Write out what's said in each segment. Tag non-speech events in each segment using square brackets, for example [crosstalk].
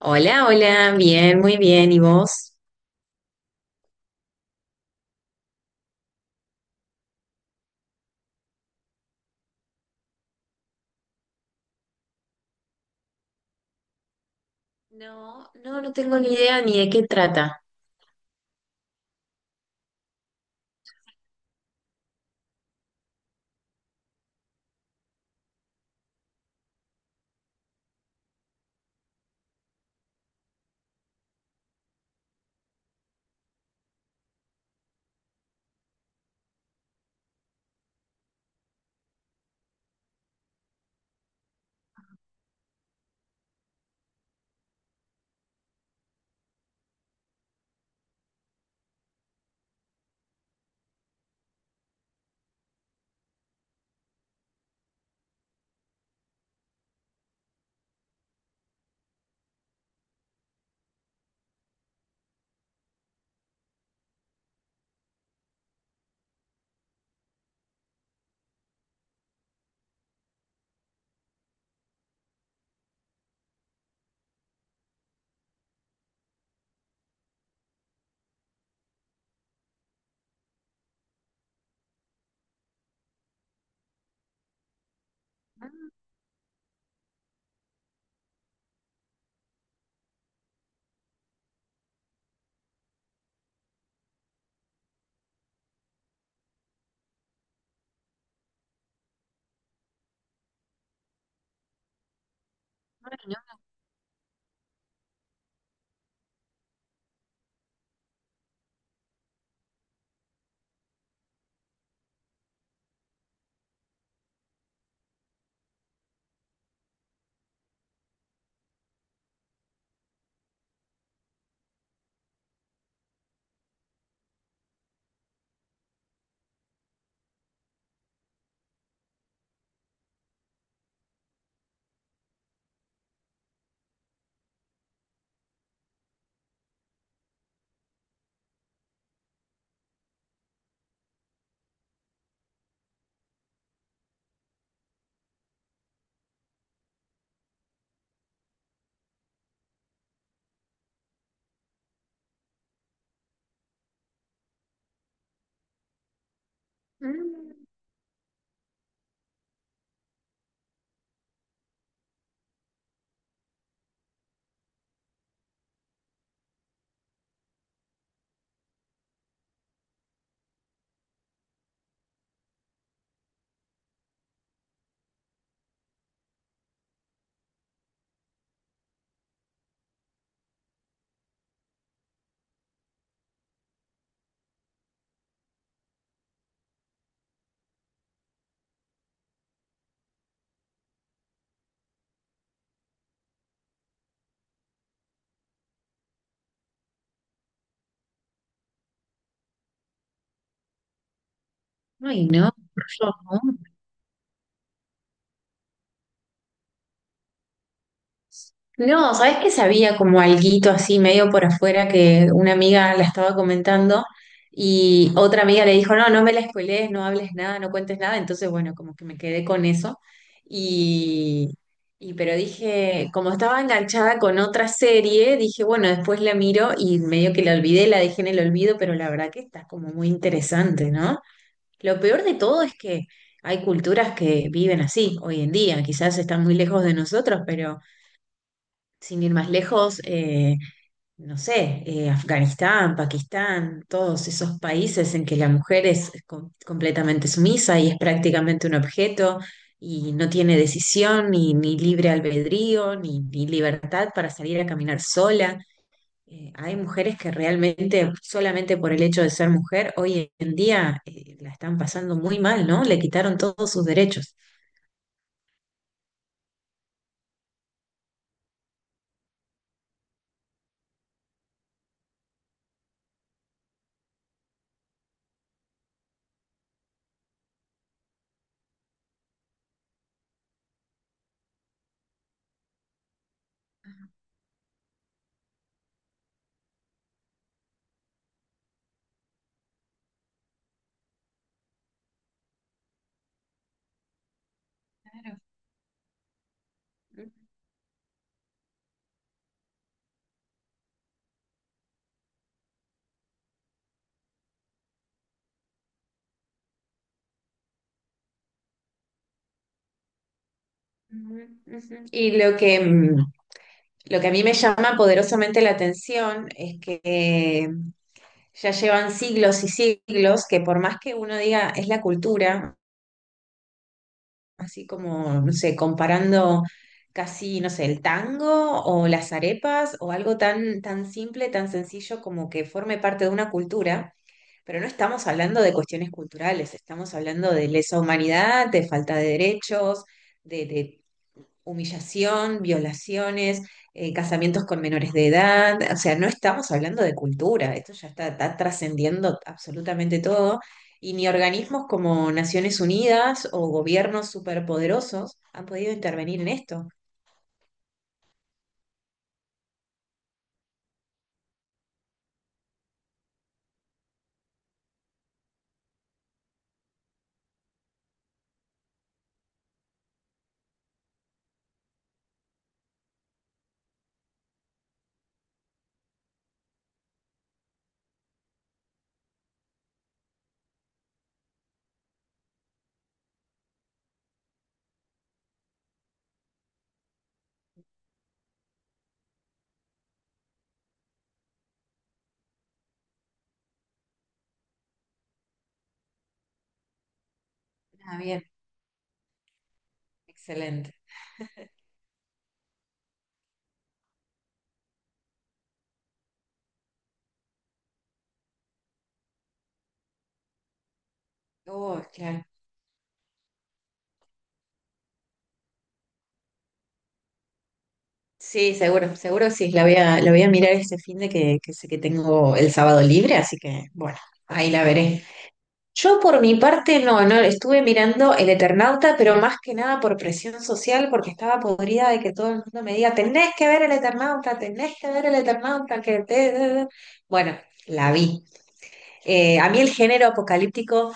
Hola, hola, bien, muy bien. ¿Y vos? No, no, no tengo ni idea ni de qué trata. Mm. Ay, no, por favor. No, ¿sabés? Que sabía como alguito así medio por afuera, que una amiga la estaba comentando y otra amiga le dijo, no, no me la spoilees, no hables nada, no cuentes nada. Entonces bueno, como que me quedé con eso y, y pero dije, como estaba enganchada con otra serie, dije, bueno, después la miro, y medio que la olvidé, la dejé en el olvido. Pero la verdad que está como muy interesante, ¿no? Lo peor de todo es que hay culturas que viven así hoy en día. Quizás están muy lejos de nosotros, pero sin ir más lejos, no sé, Afganistán, Pakistán, todos esos países en que la mujer es com- completamente sumisa y es prácticamente un objeto, y no tiene decisión ni libre albedrío ni libertad para salir a caminar sola. Hay mujeres que realmente, solamente por el hecho de ser mujer hoy en día, la están pasando muy mal, ¿no? Le quitaron todos sus derechos. Claro. Ujú, ujú. Y lo que, lo que a mí me llama poderosamente la atención es que ya llevan siglos y siglos, que por más que uno diga es la cultura, así como, no sé, comparando casi, no sé, el tango o las arepas o algo tan, tan simple, tan sencillo, como que forme parte de una cultura. Pero no estamos hablando de cuestiones culturales, estamos hablando de lesa humanidad, de falta de derechos, de humillación, violaciones, casamientos con menores de edad. O sea, no estamos hablando de cultura, esto ya está, está trascendiendo absolutamente todo. Y ni organismos como Naciones Unidas o gobiernos superpoderosos han podido intervenir en esto. Ah, bien, excelente. Oh, claro. Sí, seguro, seguro sí. La voy a mirar este fin, de que sé que tengo el sábado libre, así que bueno, ahí la veré. Yo por mi parte no, no, estuve mirando El Eternauta, pero más que nada por presión social, porque estaba podrida de que todo el mundo me diga, tenés que ver El Eternauta, tenés que ver El Eternauta, que te... te- te. Bueno, la vi. A mí el género apocalíptico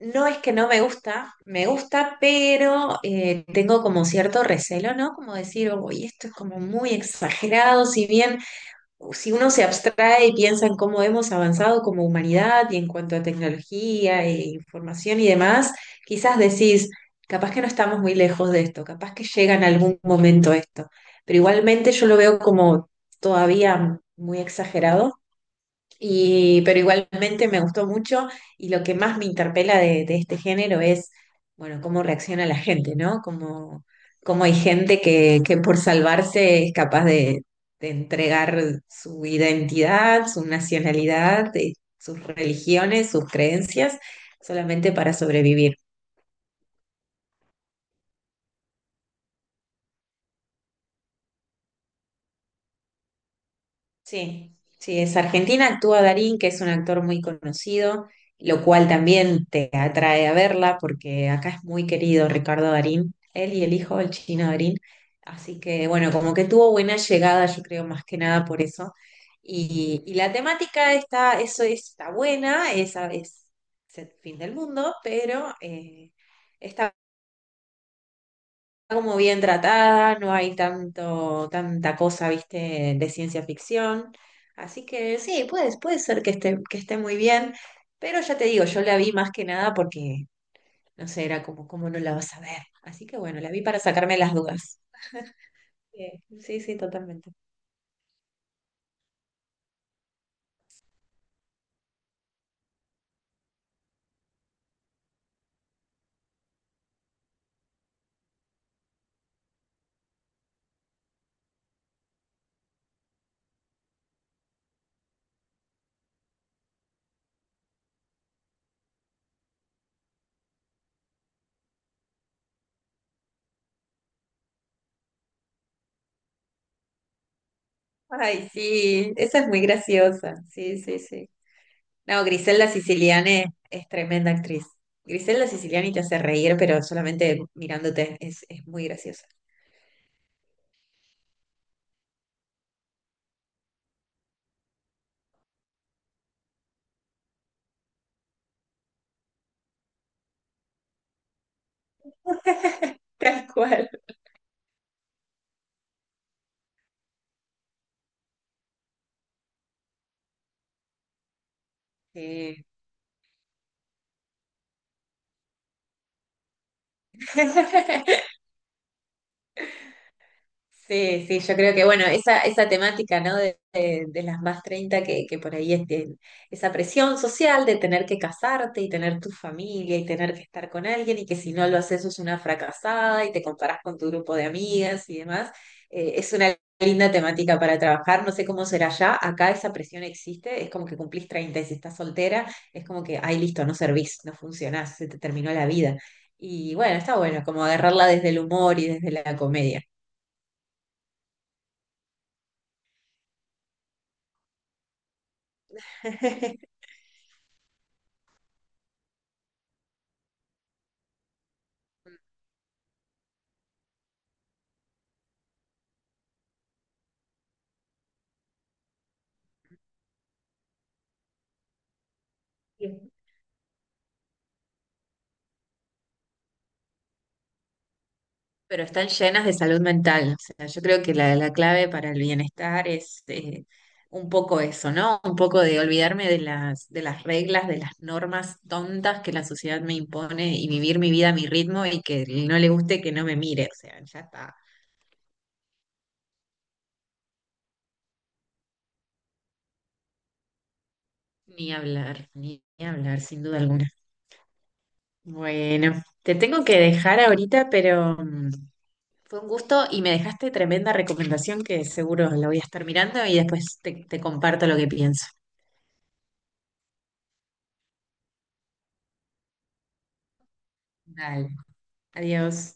no es que no me gusta, me gusta, pero tengo como cierto recelo, ¿no? Como decir, uy, esto es como muy exagerado. Si bien, si uno se abstrae y piensa en cómo hemos avanzado como humanidad y en cuanto a tecnología e información y demás, quizás decís, capaz que no estamos muy lejos de esto, capaz que llega en algún momento esto, pero igualmente yo lo veo como todavía muy exagerado. Y pero igualmente me gustó mucho, y lo que más me interpela de este género es, bueno, cómo reacciona la gente, ¿no? Cómo, cómo hay gente que por salvarse es capaz de entregar su identidad, su nacionalidad, sus religiones, sus creencias, solamente para sobrevivir. Sí, sí, es Argentina, actúa Darín, que es un actor muy conocido, lo cual también te atrae a verla, porque acá es muy querido Ricardo Darín, él y el hijo, el chino Darín. Así que bueno, como que tuvo buena llegada, yo creo más que nada por eso. Y la temática está, eso está buena, esa es el fin del mundo, pero está como bien tratada, no hay tanto, tanta cosa, viste, de ciencia ficción. Así que sí, puede, puede ser que esté muy bien, pero ya te digo, yo la vi más que nada porque, no sé, era como, ¿cómo no la vas a ver? Así que bueno, la vi para sacarme las dudas. Sí, sí, totalmente. Ay, sí, esa es muy graciosa. Sí, sí, sí. No, Griselda Siciliani es tremenda actriz. Griselda Siciliani te hace reír, pero solamente mirándote es muy graciosa. [laughs] Tal cual. Sí. Sí, sí, yo creo que, bueno, esa temática, ¿no? De las más 30, que por ahí es de- esa presión social de tener que casarte y tener tu familia y tener que estar con alguien, y que si no lo haces sos una fracasada y te comparás con tu grupo de amigas y demás. Es una linda temática para trabajar. No sé cómo será, ya acá esa presión existe, es como que cumplís treinta y si estás soltera, es como que, ay, listo, no servís, no funcionás, se te terminó la vida. Y bueno, está bueno, como agarrarla desde el humor y desde la comedia. [laughs] Bien. Pero están llenas de salud mental. O sea, yo creo que la clave para el bienestar es un poco eso, ¿no? Un poco de olvidarme de las reglas, de las normas tontas que la sociedad me impone, y vivir mi vida a mi ritmo, y que no le guste, que no me mire. O sea, ya está. Ni hablar, ni, ni hablar, sin duda alguna. Bueno, te tengo que dejar ahorita, pero fue un gusto y me dejaste tremenda recomendación que seguro la voy a estar mirando, y después te, te comparto lo que pienso. Dale. Adiós.